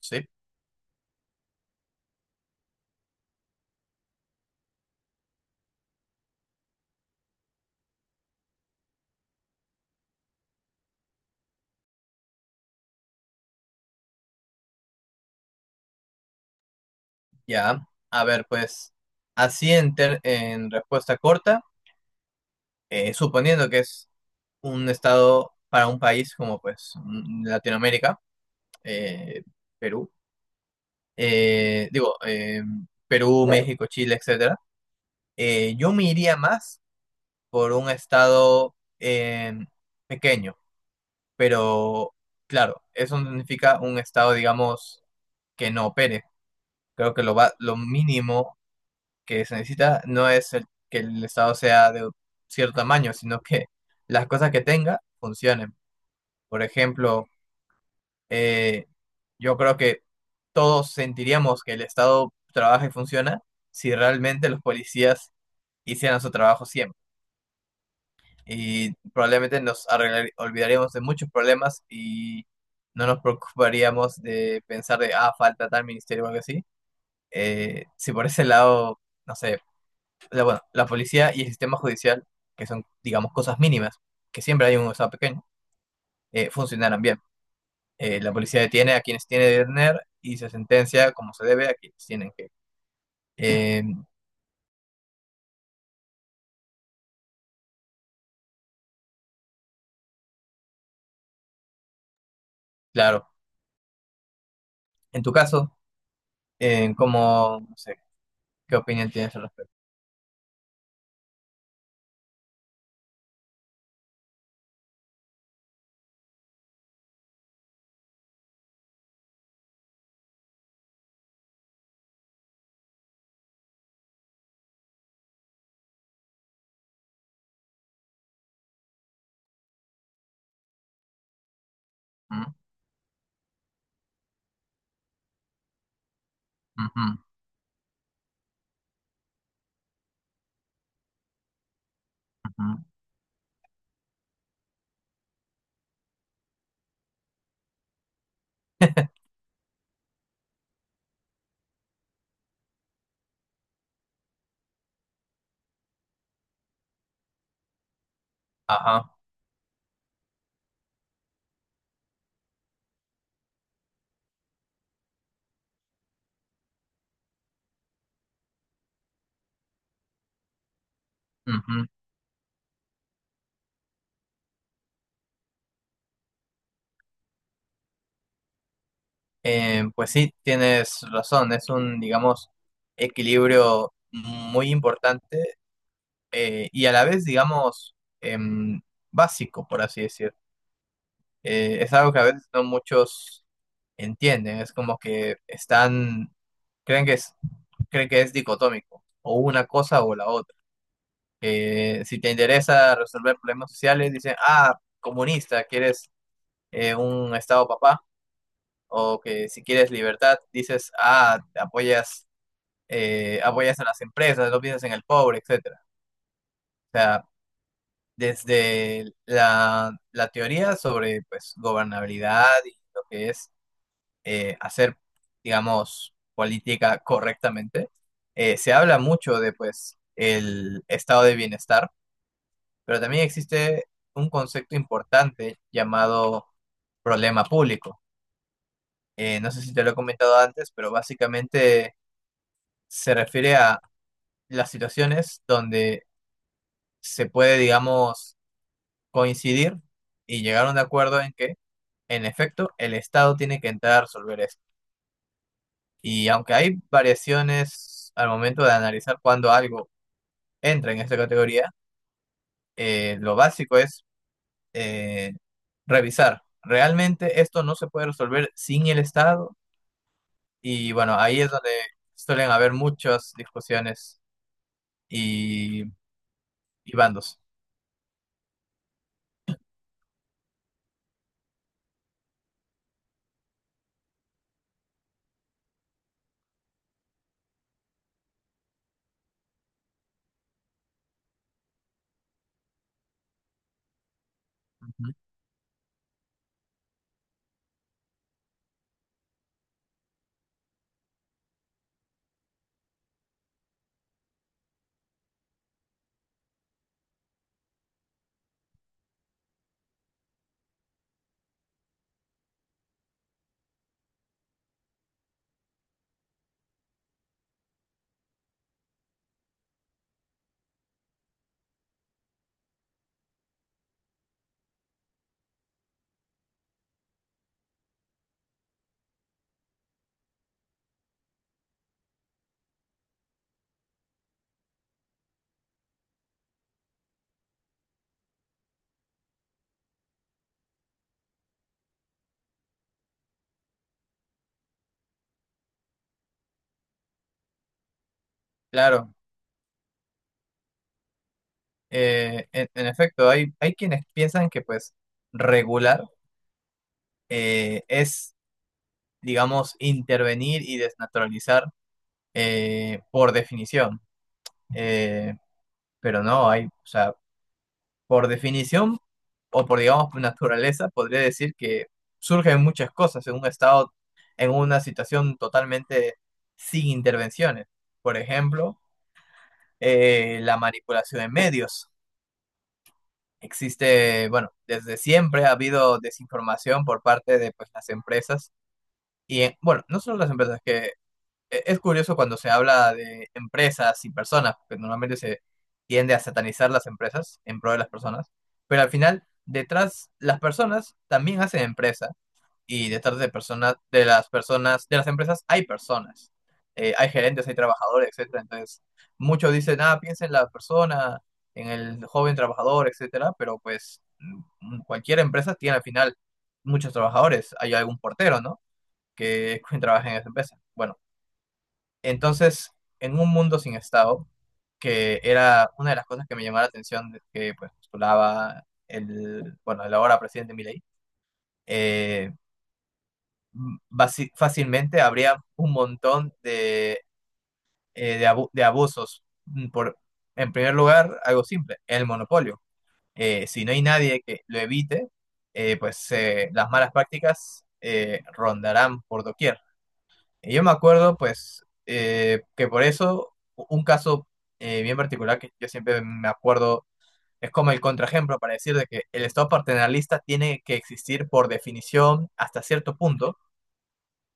Sí, ya. A ver, pues, así en respuesta corta, suponiendo que es un estado para un país como pues Latinoamérica, eh, Perú, eh, digo, eh, Perú, México, Chile, etcétera, yo me iría más por un estado pequeño, pero claro, eso no significa un estado, digamos, que no opere. Creo que lo mínimo que se necesita no es que el Estado sea de cierto tamaño, sino que las cosas que tenga funcionen. Por ejemplo, eh, yo creo que todos sentiríamos que el Estado trabaja y funciona si realmente los policías hicieran su trabajo siempre. Y probablemente olvidaríamos de muchos problemas y no nos preocuparíamos de pensar de, ah, falta tal ministerio o algo así. Si por ese lado, no sé, bueno, la policía y el sistema judicial, que son, digamos, cosas mínimas, que siempre hay un Estado pequeño, funcionaran bien. La policía detiene a quienes tiene que detener y se sentencia como se debe a quienes tienen que. Eh, claro, en tu caso, ¿cómo, no sé, qué opinión tienes al respecto? Mm, ujú, ujú, ajá, ujú. Pues sí, tienes razón, es un, digamos, equilibrio muy importante y a la vez, digamos, básico, por así decir. Es algo que a veces no muchos entienden. Es como que están, creen que es, creen que es dicotómico, o una cosa o la otra. Si te interesa resolver problemas sociales, dicen, ah, comunista, quieres un estado papá, o que si quieres libertad, dices, ah, apoyas, apoyas a las empresas, no piensas en el pobre, etcétera. O sea, desde la teoría sobre pues gobernabilidad y lo que es eh, hacer, digamos, política correctamente. Se habla mucho de, pues, el estado de bienestar, pero también existe un concepto importante llamado problema público. No sé si te lo he comentado antes, pero básicamente se refiere a las situaciones donde se puede, digamos, coincidir y llegar a un acuerdo en que, en efecto, el Estado tiene que entrar a resolver esto. Y aunque hay variaciones al momento de analizar cuándo algo entra en esta categoría, lo básico es eh, revisar. Realmente esto no se puede resolver sin el Estado y bueno, ahí es donde suelen haber muchas discusiones y, y bandos. Ujú. Claro, en efecto, hay quienes piensan que pues regular es, digamos, intervenir y desnaturalizar por definición. Eh, pero no hay, o sea, por definición o por, digamos, por naturaleza, podría decir que surgen muchas cosas en un estado, en una situación totalmente sin intervenciones. Por ejemplo, la manipulación de medios. Existe, bueno, desde siempre ha habido desinformación por parte de pues, las empresas y, bueno, no solo las empresas, que es curioso cuando se habla de empresas y personas, porque normalmente se tiende a satanizar las empresas en pro de las personas, pero al final detrás las personas también hacen empresa y detrás de personas de las empresas hay personas. Hay gerentes, hay trabajadores, etcétera. Entonces, muchos dicen, "Ah, piensa en la persona, en el joven trabajador, etcétera", pero pues cualquier empresa tiene al final muchos trabajadores, hay algún portero, ¿no? que trabaja en esa empresa. Bueno, entonces, en un mundo sin Estado, que era una de las cosas que me llamó la atención, de que pues postulaba el, bueno, el ahora presidente Milei, eh, fácilmente habría un montón de, de abusos. Por, en primer lugar, algo simple, el monopolio. Si no hay nadie que lo evite, las malas prácticas rondarán por doquier. Y yo me acuerdo, pues, que por eso u- un caso bien particular que yo siempre me acuerdo es como el contraejemplo para decir de que el Estado paternalista tiene que existir por definición hasta cierto punto,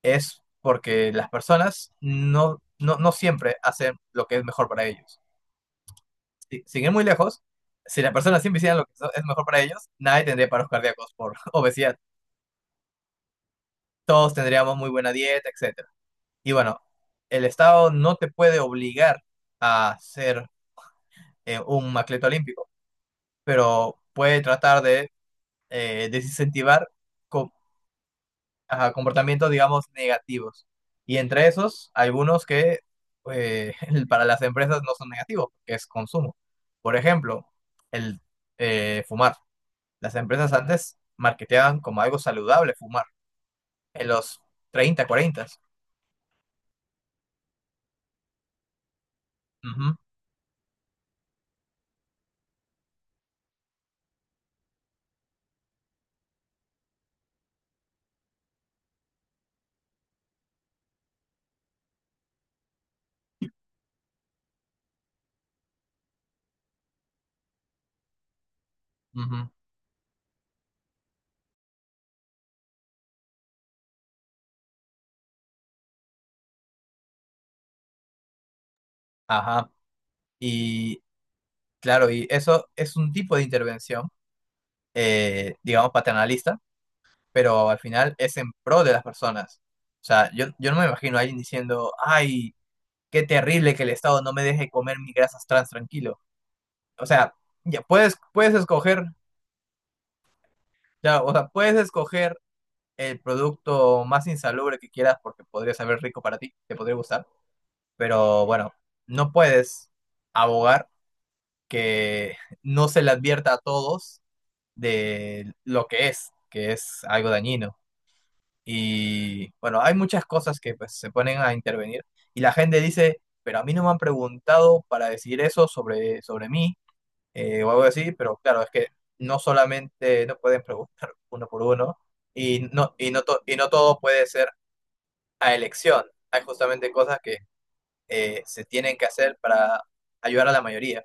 es porque las personas no siempre hacen lo que es mejor para ellos. Sin ir muy lejos, si las personas siempre hicieran lo que es mejor para ellos, nadie tendría paros cardíacos por obesidad. Todos tendríamos muy buena dieta, etc. Y bueno, el Estado no te puede obligar a ser un atleta olímpico, pero puede tratar de desincentivar co- ajá, comportamientos, digamos, negativos. Y entre esos, algunos que eh, para las empresas no son negativos, que es consumo. Por ejemplo, el fumar. Las empresas antes marketeaban como algo saludable fumar en los 30, 40. Ujú, ujú, ajá. Y Claro, y eso es un tipo de intervención, digamos, paternalista, pero al final es en pro de las personas. O sea, yo no me imagino a alguien diciendo, ay, qué terrible que el Estado no me deje comer mis grasas trans tranquilo. O sea, ya puedes, puedes escoger, ya, o sea, puedes escoger el producto más insalubre que quieras porque podría saber rico para ti, te podría gustar, pero bueno, no puedes abogar que no se le advierta a todos de lo que es algo dañino. Y bueno, hay muchas cosas que pues, se ponen a intervenir y la gente dice, pero a mí no me han preguntado para decir eso sobre, sobre mí o algo así, pero claro, es que no solamente no pueden preguntar uno por uno y no todo puede ser a elección. Hay justamente cosas que se tienen que hacer para ayudar a la mayoría.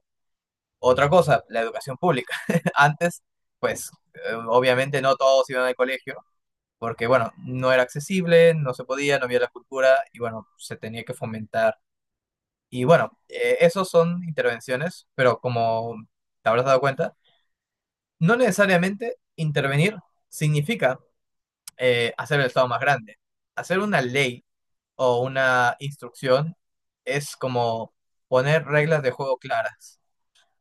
Otra cosa, la educación pública. Antes, pues obviamente no todos iban al colegio, porque bueno, no era accesible, no se podía, no había la cultura y bueno, se tenía que fomentar. Y bueno, esos son intervenciones, pero como te habrás dado cuenta, no necesariamente intervenir significa hacer el Estado más grande. Hacer una ley o una instrucción es como poner reglas de juego claras.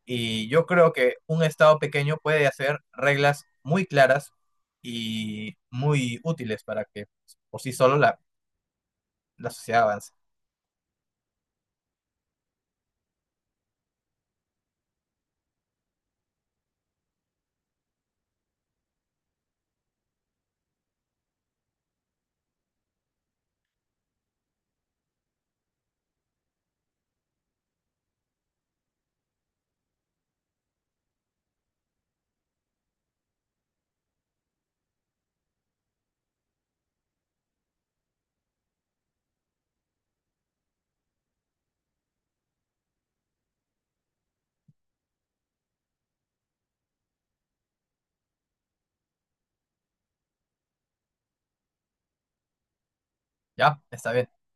Y yo creo que un Estado pequeño puede hacer reglas muy claras y muy útiles para que pues, por sí solo la sociedad avance. Ya, está bien.